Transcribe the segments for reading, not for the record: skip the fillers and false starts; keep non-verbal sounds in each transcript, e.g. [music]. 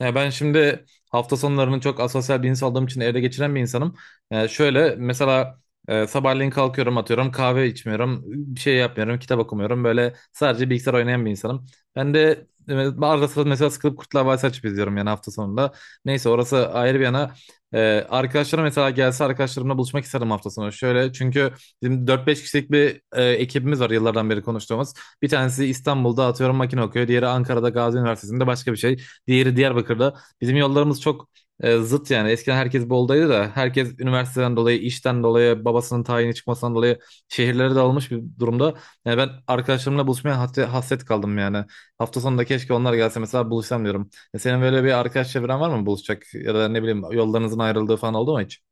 Ya ben şimdi hafta sonlarını çok asosyal bir insan olduğum için evde geçiren bir insanım. Yani şöyle mesela sabahleyin kalkıyorum atıyorum kahve içmiyorum bir şey yapmıyorum kitap okumuyorum böyle sadece bilgisayar oynayan bir insanım. Ben de arada sırada mesela sıkılıp Kurtlar Vadisi açıp izliyorum yani hafta sonunda. Neyse orası ayrı bir yana. E, Arkadaşlarım mesela gelse arkadaşlarımla buluşmak isterim hafta sonu. Şöyle çünkü bizim 4-5 kişilik bir ekibimiz var yıllardan beri konuştuğumuz. Bir tanesi İstanbul'da atıyorum makine okuyor. Diğeri Ankara'da Gazi Üniversitesi'nde başka bir şey. Diğeri Diyarbakır'da. Bizim yollarımız çok zıt yani. Eskiden herkes Bolu'daydı da herkes üniversiteden dolayı, işten dolayı, babasının tayini çıkmasından dolayı şehirlere dağılmış bir durumda. Yani ben arkadaşlarımla buluşmaya hasret, hasret kaldım yani. Hafta sonunda keşke onlar gelse mesela buluşsam diyorum. Senin böyle bir arkadaş çevren var mı buluşacak ya da ne bileyim yollarınızın ayrıldığı falan oldu mu hiç?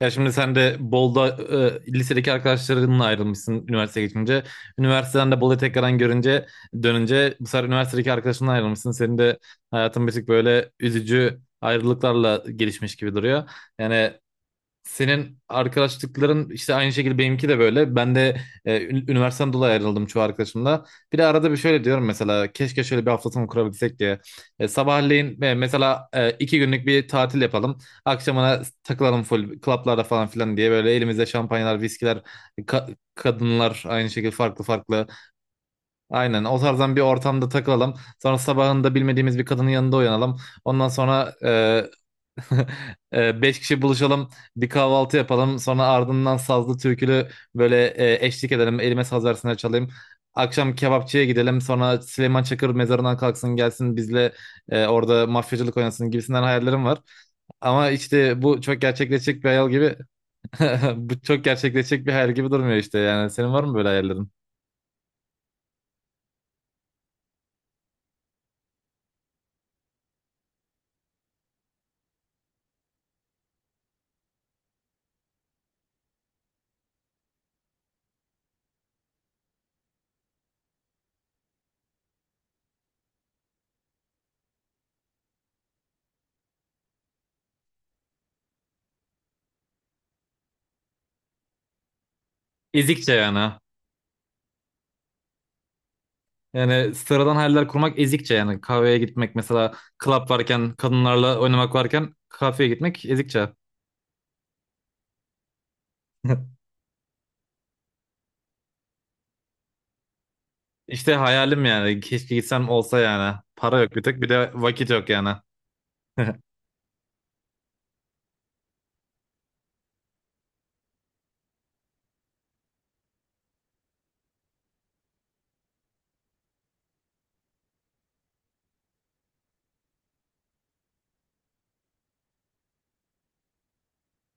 Ya şimdi sen de Bolu'da lisedeki arkadaşlarınla ayrılmışsın üniversiteye geçince. Üniversiteden de Bolu'yu tekrardan görünce dönünce bu sefer üniversitedeki arkadaşınla ayrılmışsın. Senin de hayatın bir tık böyle üzücü ayrılıklarla gelişmiş gibi duruyor. Yani senin arkadaşlıkların işte aynı şekilde benimki de böyle. Ben de üniversiteden dolayı ayrıldım çoğu arkadaşımla. Bir de arada bir şöyle diyorum mesela keşke şöyle bir hafta sonu kurabilsek diye. Sabahleyin mesela 2 günlük bir tatil yapalım. Akşamına takılalım full klaplarda falan filan diye böyle elimizde şampanyalar, viskiler, kadınlar aynı şekilde farklı farklı. Aynen o tarzdan bir ortamda takılalım. Sonra sabahında bilmediğimiz bir kadının yanında uyanalım. Ondan sonra [laughs] Beş kişi buluşalım, bir kahvaltı yapalım. Sonra ardından sazlı türkülü böyle eşlik edelim. Elime saz versinler çalayım. Akşam kebapçıya gidelim. Sonra Süleyman Çakır mezarından kalksın gelsin bizle orada mafyacılık oynasın gibisinden hayallerim var. Ama işte bu çok gerçekleşecek bir hayal gibi [laughs] bu çok gerçekleşecek bir hayal gibi durmuyor işte yani. Senin var mı böyle hayallerin? Ezikçe yani. Ha. Yani sıradan hayaller kurmak ezikçe yani. Kahveye gitmek mesela club varken kadınlarla oynamak varken kafeye gitmek ezikçe. [laughs] İşte hayalim yani. Keşke gitsem olsa yani. Para yok bir tek bir de vakit yok yani. [laughs]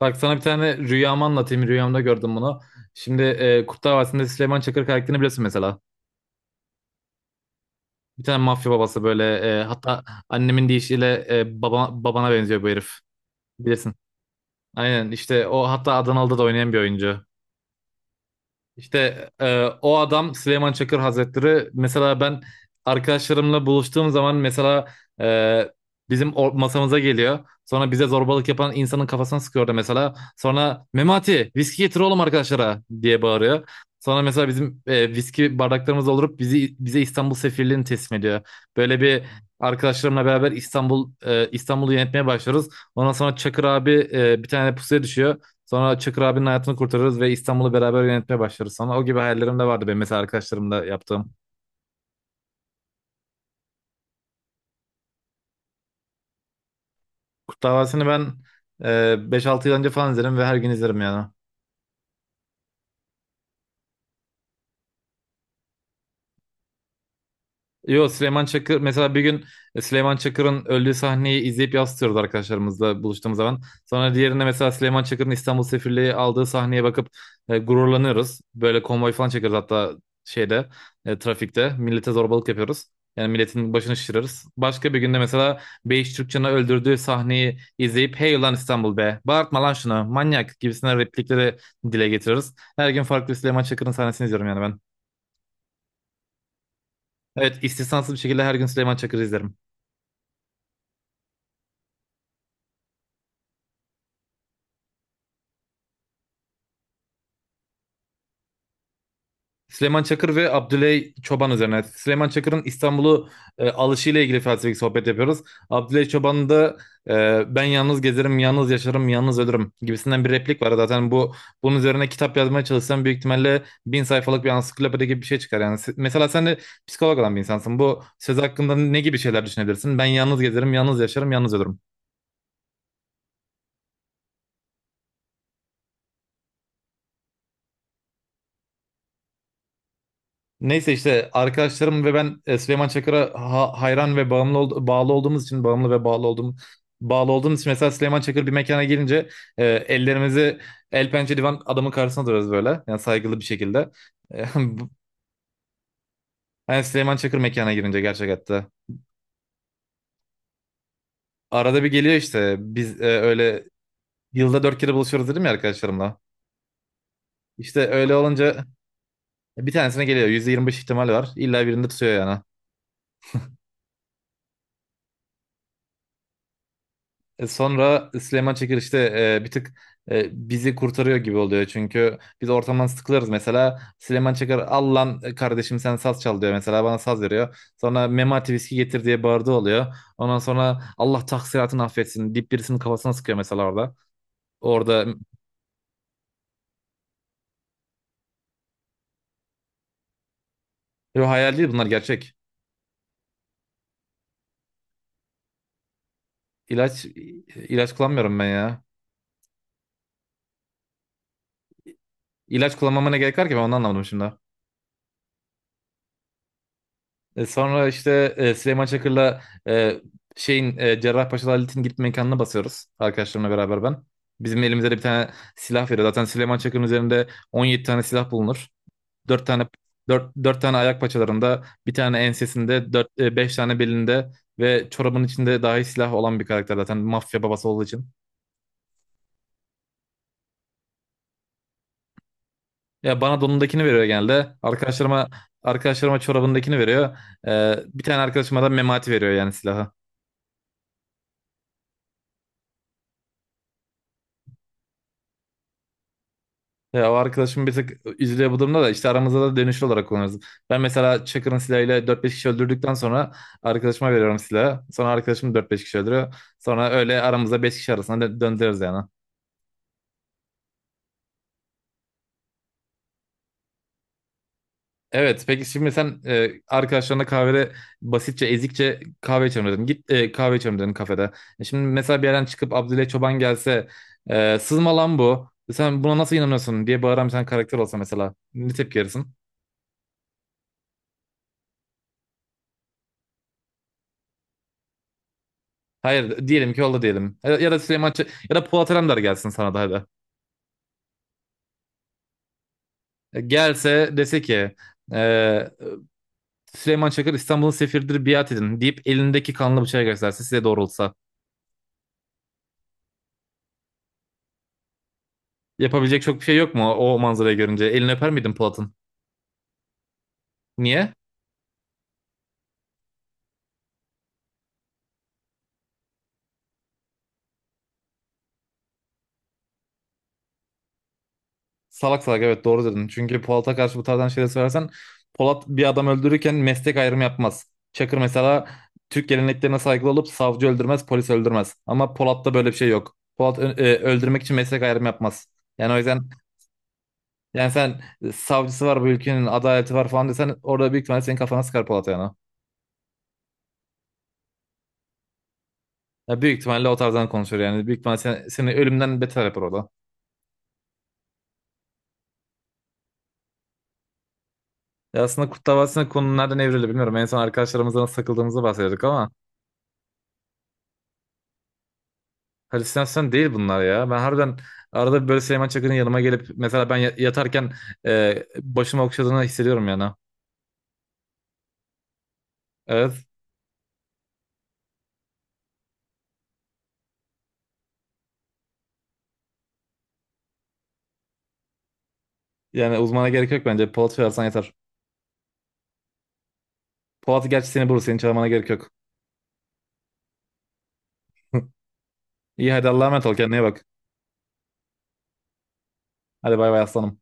Bak sana bir tane rüyamı anlatayım. Rüyamda gördüm bunu. Şimdi Kurtlar Vadisi'nde Süleyman Çakır karakterini biliyorsun mesela. Bir tane mafya babası böyle hatta annemin deyişiyle babana benziyor bu herif. Bilirsin. Aynen işte o hatta Adanalı'da da oynayan bir oyuncu. İşte o adam Süleyman Çakır Hazretleri mesela ben arkadaşlarımla buluştuğum zaman mesela e, bizim masamıza geliyor. Sonra bize zorbalık yapan insanın kafasına sıkıyordu mesela. Sonra Memati viski getir oğlum arkadaşlara diye bağırıyor. Sonra mesela bizim viski bardaklarımız doldurup bizi bize İstanbul sefirliğini teslim ediyor. Böyle bir Arkadaşlarımla beraber İstanbul'u yönetmeye başlıyoruz. Ondan sonra Çakır abi bir tane pusuya düşüyor. Sonra Çakır abinin hayatını kurtarırız ve İstanbul'u beraber yönetmeye başlarız sonra. O gibi hayallerim de vardı benim mesela arkadaşlarımla yaptığım. Kurtlar Vadisi'ni ben e, 5-6 yıl önce falan izlerim ve her gün izlerim yani. Yo, Süleyman Çakır mesela bir gün Süleyman Çakır'ın öldüğü sahneyi izleyip yansıtıyoruz arkadaşlarımızla buluştuğumuz zaman. Sonra diğerinde mesela Süleyman Çakır'ın İstanbul Sefirliği aldığı sahneye bakıp gururlanıyoruz. Böyle konvoy falan çekiyoruz hatta şeyde trafikte millete zorbalık yapıyoruz. Yani milletin başını şişiririz. Başka bir günde mesela Beyiş Türkçen'i öldürdüğü sahneyi izleyip hey ulan İstanbul be bağırtma lan şunu manyak gibisinden replikleri dile getiririz. Her gün farklı Süleyman Çakır'ın sahnesini izliyorum yani ben. Evet istisnasız bir şekilde her gün Süleyman Çakır'ı izlerim. Süleyman Çakır ve Abdüley Çoban üzerine. Süleyman Çakır'ın İstanbul'u alışıyla ilgili felsefik sohbet yapıyoruz. Abdüley Çoban'ın da ben yalnız gezerim, yalnız yaşarım, yalnız ölürüm gibisinden bir replik var. Zaten bunun üzerine kitap yazmaya çalışsan büyük ihtimalle 1.000 sayfalık bir ansiklopedi gibi bir şey çıkar. Yani se- mesela sen de psikolog olan bir insansın. Bu söz hakkında ne gibi şeyler düşünebilirsin? Ben yalnız gezerim, yalnız yaşarım, yalnız ölürüm. Neyse işte arkadaşlarım ve ben Süleyman Çakır'a hayran ve bağımlı ve bağlı olduğumuz için mesela Süleyman Çakır bir mekana gelince ellerimizi el pençe divan adamın karşısına duruyoruz böyle. Yani saygılı bir şekilde. E, [laughs] bu- yani Süleyman Çakır mekana girince gerçek hatta. Arada bir geliyor işte biz öyle yılda dört kere buluşuyoruz dedim ya arkadaşlarımla. İşte öyle olunca bir tanesine geliyor. %25 ihtimal var. İlla birinde tutuyor yani. Sonra Süleyman Çakır işte bir tık bizi kurtarıyor gibi oluyor. Çünkü biz ortamdan sıkılırız mesela. Süleyman Çakır al lan kardeşim sen saz çal diyor mesela bana saz veriyor. Sonra Memati viski getir diye bağırdığı oluyor. Ondan sonra Allah taksiratını affetsin deyip birisinin kafasına sıkıyor mesela orada. Orada yo, hayal değil bunlar gerçek. İlaç ilaç kullanmıyorum ben ya. İlaç kullanmama ne gerek var ki ben onu anlamadım şimdi. Sonra işte Süleyman Çakır'la e, şeyin Cerrahpaşa Lalit'in gitme mekanına basıyoruz. Arkadaşlarımla beraber ben. Bizim elimizde de bir tane silah veriyor. Zaten Süleyman Çakır'ın üzerinde 17 tane silah bulunur. 4 tane dört tane ayak paçalarında, bir tane ensesinde, 4 5 tane belinde ve çorabın içinde dahi silah olan bir karakter zaten mafya babası olduğu için. Ya bana donundakini veriyor genelde. Arkadaşlarıma çorabındakini veriyor. Bir tane arkadaşıma da memati veriyor yani silahı. Ya o arkadaşım bir tık üzülüyor bu durumda da işte aramızda da dönüşlü olarak kullanırız. Ben mesela Çakır'ın silahıyla 4-5 kişi öldürdükten sonra arkadaşıma veriyorum silahı. Sonra arkadaşım 4-5 kişi öldürüyor. Sonra öyle aramızda 5 kişi arasında döndürüyoruz yani. Evet, peki şimdi sen arkadaşlarına kahvede basitçe ezikçe kahve içelim dedin. Git kahve içelim dedin kafede. Şimdi mesela bir yerden çıkıp Abdülay Çoban gelse sızma lan bu. Sen buna nasıl inanıyorsun diye bağıran bir tane karakter olsa mesela ne tepki verirsin? Hayır diyelim ki oldu diyelim. Ya ya da ya da Polat Alemdar gelsin sana da hadi. Gelse dese ki e, Süleyman Çakır İstanbul'un sefiridir biat edin deyip elindeki kanlı bıçağı gösterse size doğrultsa. Yapabilecek çok bir şey yok mu o manzarayı görünce? Elini öper miydin Polat'ın? Niye? Salak salak evet doğru dedin. Çünkü Polat'a karşı bu tarzdan şeyler söylersen Polat bir adam öldürürken meslek ayrımı yapmaz. Çakır mesela Türk geleneklerine saygılı olup savcı öldürmez, polis öldürmez. Ama Polat'ta böyle bir şey yok. Polat öldürmek için meslek ayrımı yapmaz. Yani o yüzden yani sen savcısı var bu ülkenin adaleti var falan desen orada büyük ihtimalle senin kafana sıkar Polat yani. Ya büyük ihtimalle o tarzdan konuşuyor yani. Büyük ihtimalle seni ölümden beter yapar orada. Ya aslında Kurt Davası'nın konu nereden evrildi bilmiyorum. En son arkadaşlarımızdan nasıl takıldığımızı bahsediyorduk ama halüsinasyon değil bunlar ya. Ben harbiden arada böyle Süleyman Çakır'ın yanıma gelip mesela ben yatarken başımı okşadığını hissediyorum yani. Evet. Yani uzmana gerek yok bence. Polat Şoyarsan yeter. Polat gerçi seni bulur. Seni çağırmana gerek yok. [laughs] İyi hadi Allah'a emanet ol. Kendine iyi bak. Hadi bay bay aslanım.